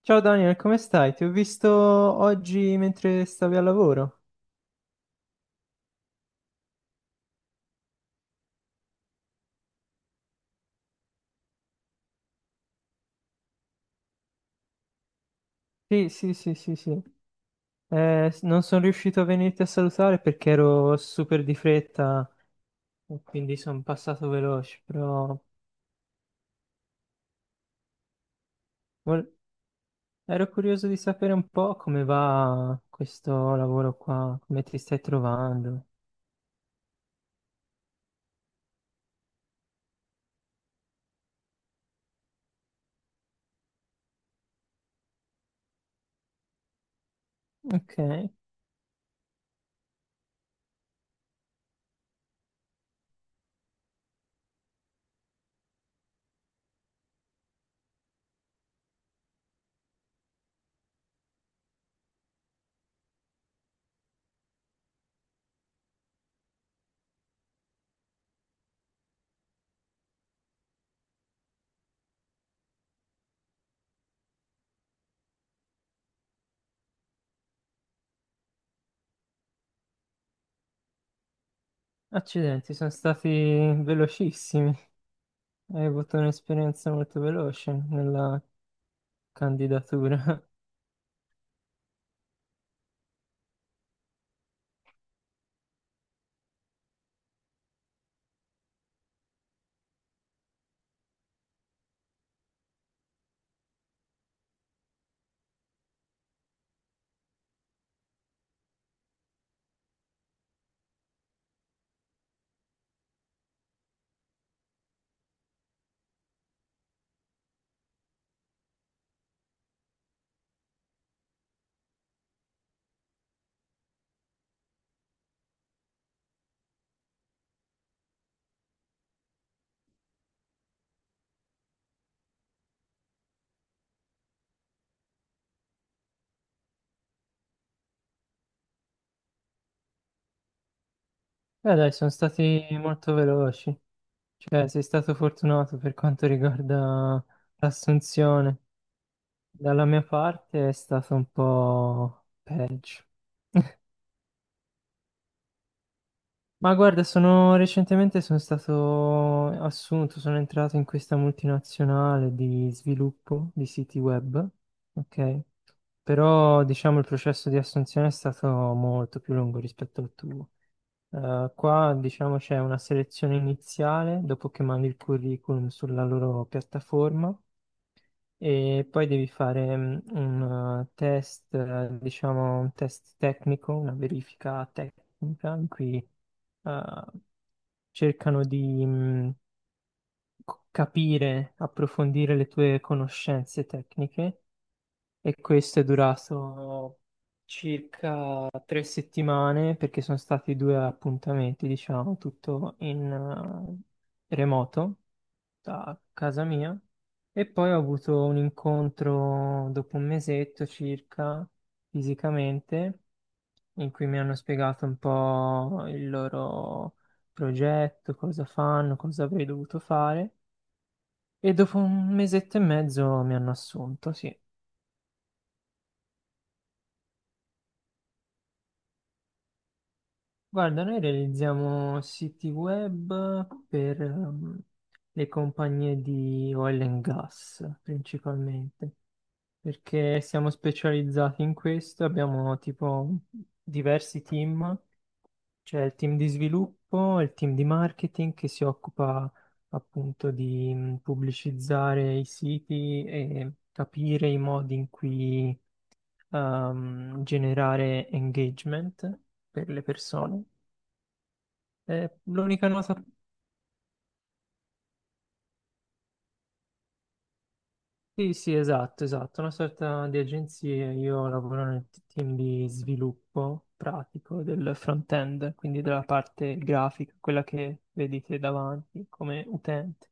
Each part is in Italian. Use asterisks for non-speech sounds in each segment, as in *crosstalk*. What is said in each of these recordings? Ciao Daniel, come stai? Ti ho visto oggi mentre stavi al lavoro. Sì, sì, sì, sì, sì. Non sono riuscito a venirti a salutare perché ero super di fretta e quindi sono passato veloce, però vol- ero curioso di sapere un po' come va questo lavoro qua, come ti stai trovando. Ok, accidenti, sono stati velocissimi. Hai avuto un'esperienza molto veloce nella candidatura. *laughs* Beh, dai, sono stati molto veloci. Cioè, sei stato fortunato per quanto riguarda l'assunzione. Dalla mia parte è stato un po' peggio. Ma guarda, sono recentemente sono stato assunto, sono entrato in questa multinazionale di sviluppo di siti web, ok? Però diciamo il processo di assunzione è stato molto più lungo rispetto al tuo. Qua diciamo c'è una selezione iniziale dopo che mandi il curriculum sulla loro piattaforma e poi devi fare un test, diciamo un test tecnico, una verifica tecnica in cui eh, cercano di capire, approfondire le tue conoscenze tecniche e questo è durato circa tre settimane perché sono stati due appuntamenti, diciamo, tutto in remoto a casa mia e poi ho avuto un incontro dopo un mesetto circa fisicamente in cui mi hanno spiegato un po' il loro progetto, cosa fanno, cosa avrei dovuto fare e dopo un mesetto e mezzo mi hanno assunto, sì. Guarda, noi realizziamo siti web per le compagnie di oil and gas principalmente. Perché siamo specializzati in questo, abbiamo tipo diversi team, c'è il team di sviluppo, il team di marketing che si occupa appunto di pubblicizzare i siti e capire i modi in cui generare engagement per le persone. L'unica nota. Sì, sì, esatto, esatto, una sorta di agenzia. Io lavoro nel team di sviluppo pratico del front-end, quindi della parte grafica, quella che vedete davanti come utente.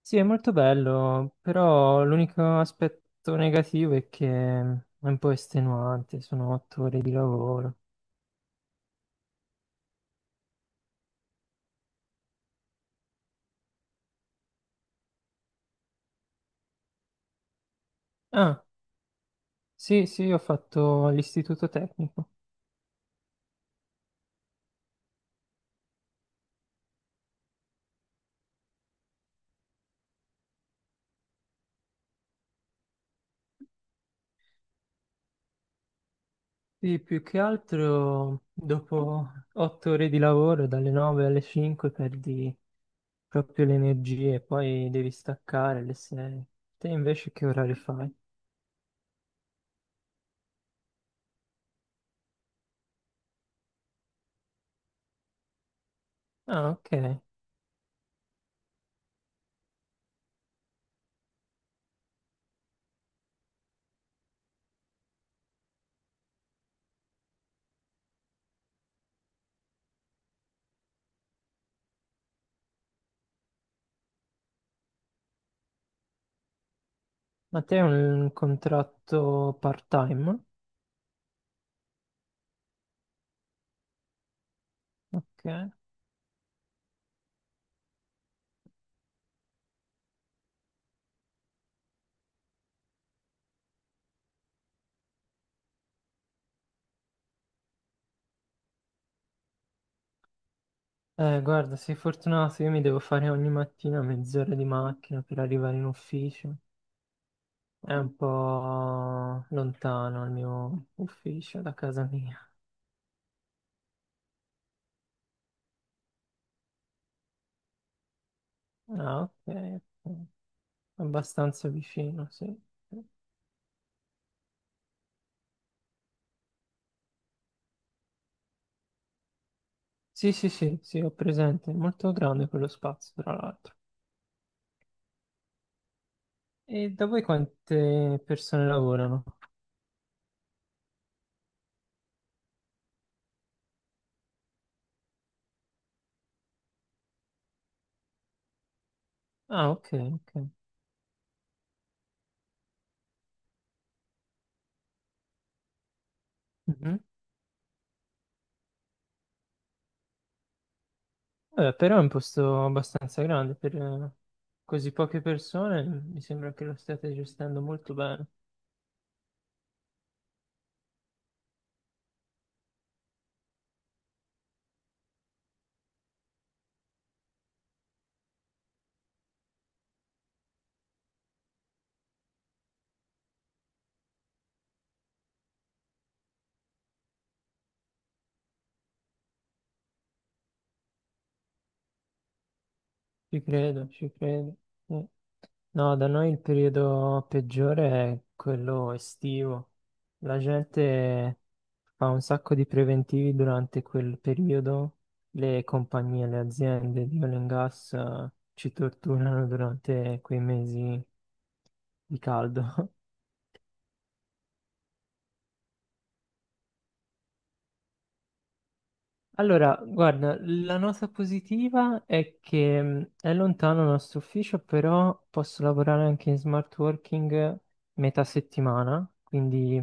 Sì, è molto bello, però l'unico aspetto negativo è che è un po' estenuante, sono otto ore di lavoro. Ah, sì, sì, ho fatto l'istituto tecnico. Sì, più che altro dopo otto ore di lavoro, dalle 9 alle 5, perdi proprio le energie, poi devi staccare alle 6. Te invece che orari fai? Ah, ok. Ma te hai un contratto part-time? Ok. Guarda, sei fortunato, io mi devo fare ogni mattina mezz'ora di macchina per arrivare in ufficio. È un po' lontano il mio ufficio da casa mia. Ah, ok, ok. Abbastanza vicino, sì. Sì, sì, sì, sì, ho presente. È molto grande quello spazio, tra l'altro. E da voi quante persone lavorano? Ah, ok, ok. Mhm. Vabbè, però è un posto abbastanza grande per così poche persone. Mi sembra che lo state gestendo molto bene. Ci credo, ci credo. Sì. No, da noi il periodo peggiore è quello estivo. La gente fa un sacco di preventivi durante quel periodo, le compagnie, le aziende di oil and gas ci torturano durante quei mesi di caldo. *laughs* Allora, guarda, la nota positiva è che è lontano il nostro ufficio, però posso lavorare anche in smart working metà settimana, quindi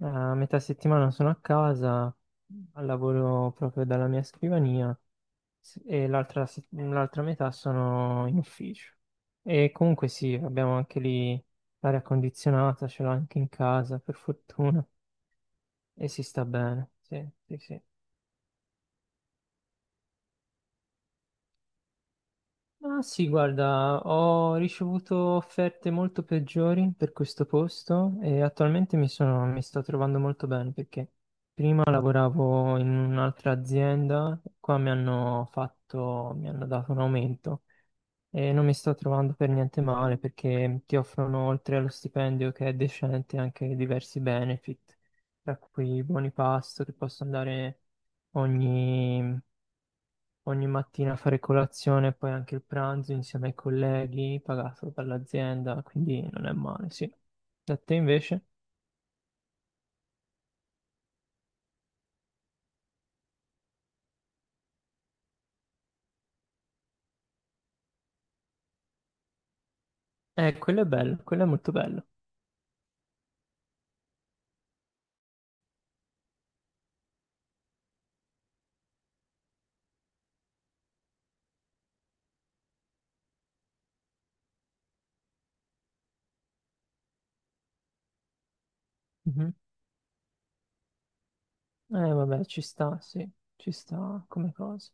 a metà settimana sono a casa, lavoro proprio dalla mia scrivania. Sì, e l'altra se- l'altra metà sono in ufficio. E comunque sì, abbiamo anche lì l'aria condizionata, ce l'ho anche in casa, per fortuna, e si sta bene. Sì, sì, sì. Ma sì, guarda, ho ricevuto offerte molto peggiori per questo posto e attualmente mi sto trovando molto bene perché prima lavoravo in un'altra azienda, qua mi hanno dato un aumento. E non mi sto trovando per niente male perché ti offrono, oltre allo stipendio che è decente, anche diversi benefit, tra cui buoni pasto che posso andare ogni, ogni mattina a fare colazione e poi anche il pranzo insieme ai colleghi, pagato dall'azienda, quindi non è male, sì. Da te invece? Quello è bello, quello è molto bello. Mhm. Vabbè, ci sta, sì, ci sta come cosa.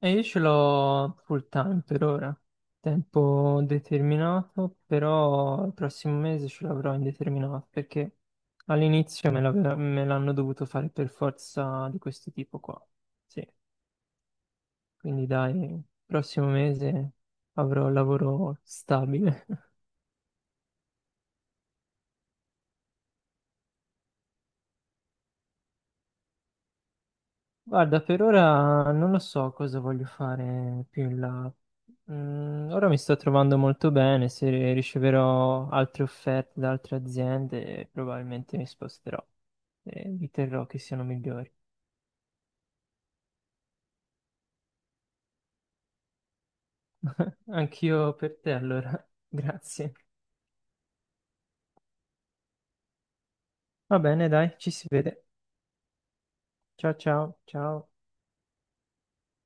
E io ce l'ho full time per ora, tempo determinato, però il prossimo mese ce l'avrò indeterminato perché all'inizio me l'hanno dovuto fare per forza di questo tipo qua. Sì, quindi dai, prossimo mese avrò lavoro stabile. Guarda, per ora non lo so cosa voglio fare più in là. Mm, ora mi sto trovando molto bene, se riceverò altre offerte da altre aziende, probabilmente mi sposterò e vi terrò che siano migliori. Anch'io per te allora, *laughs* grazie. Va bene, dai, ci si vede. Ciao ciao, ciao.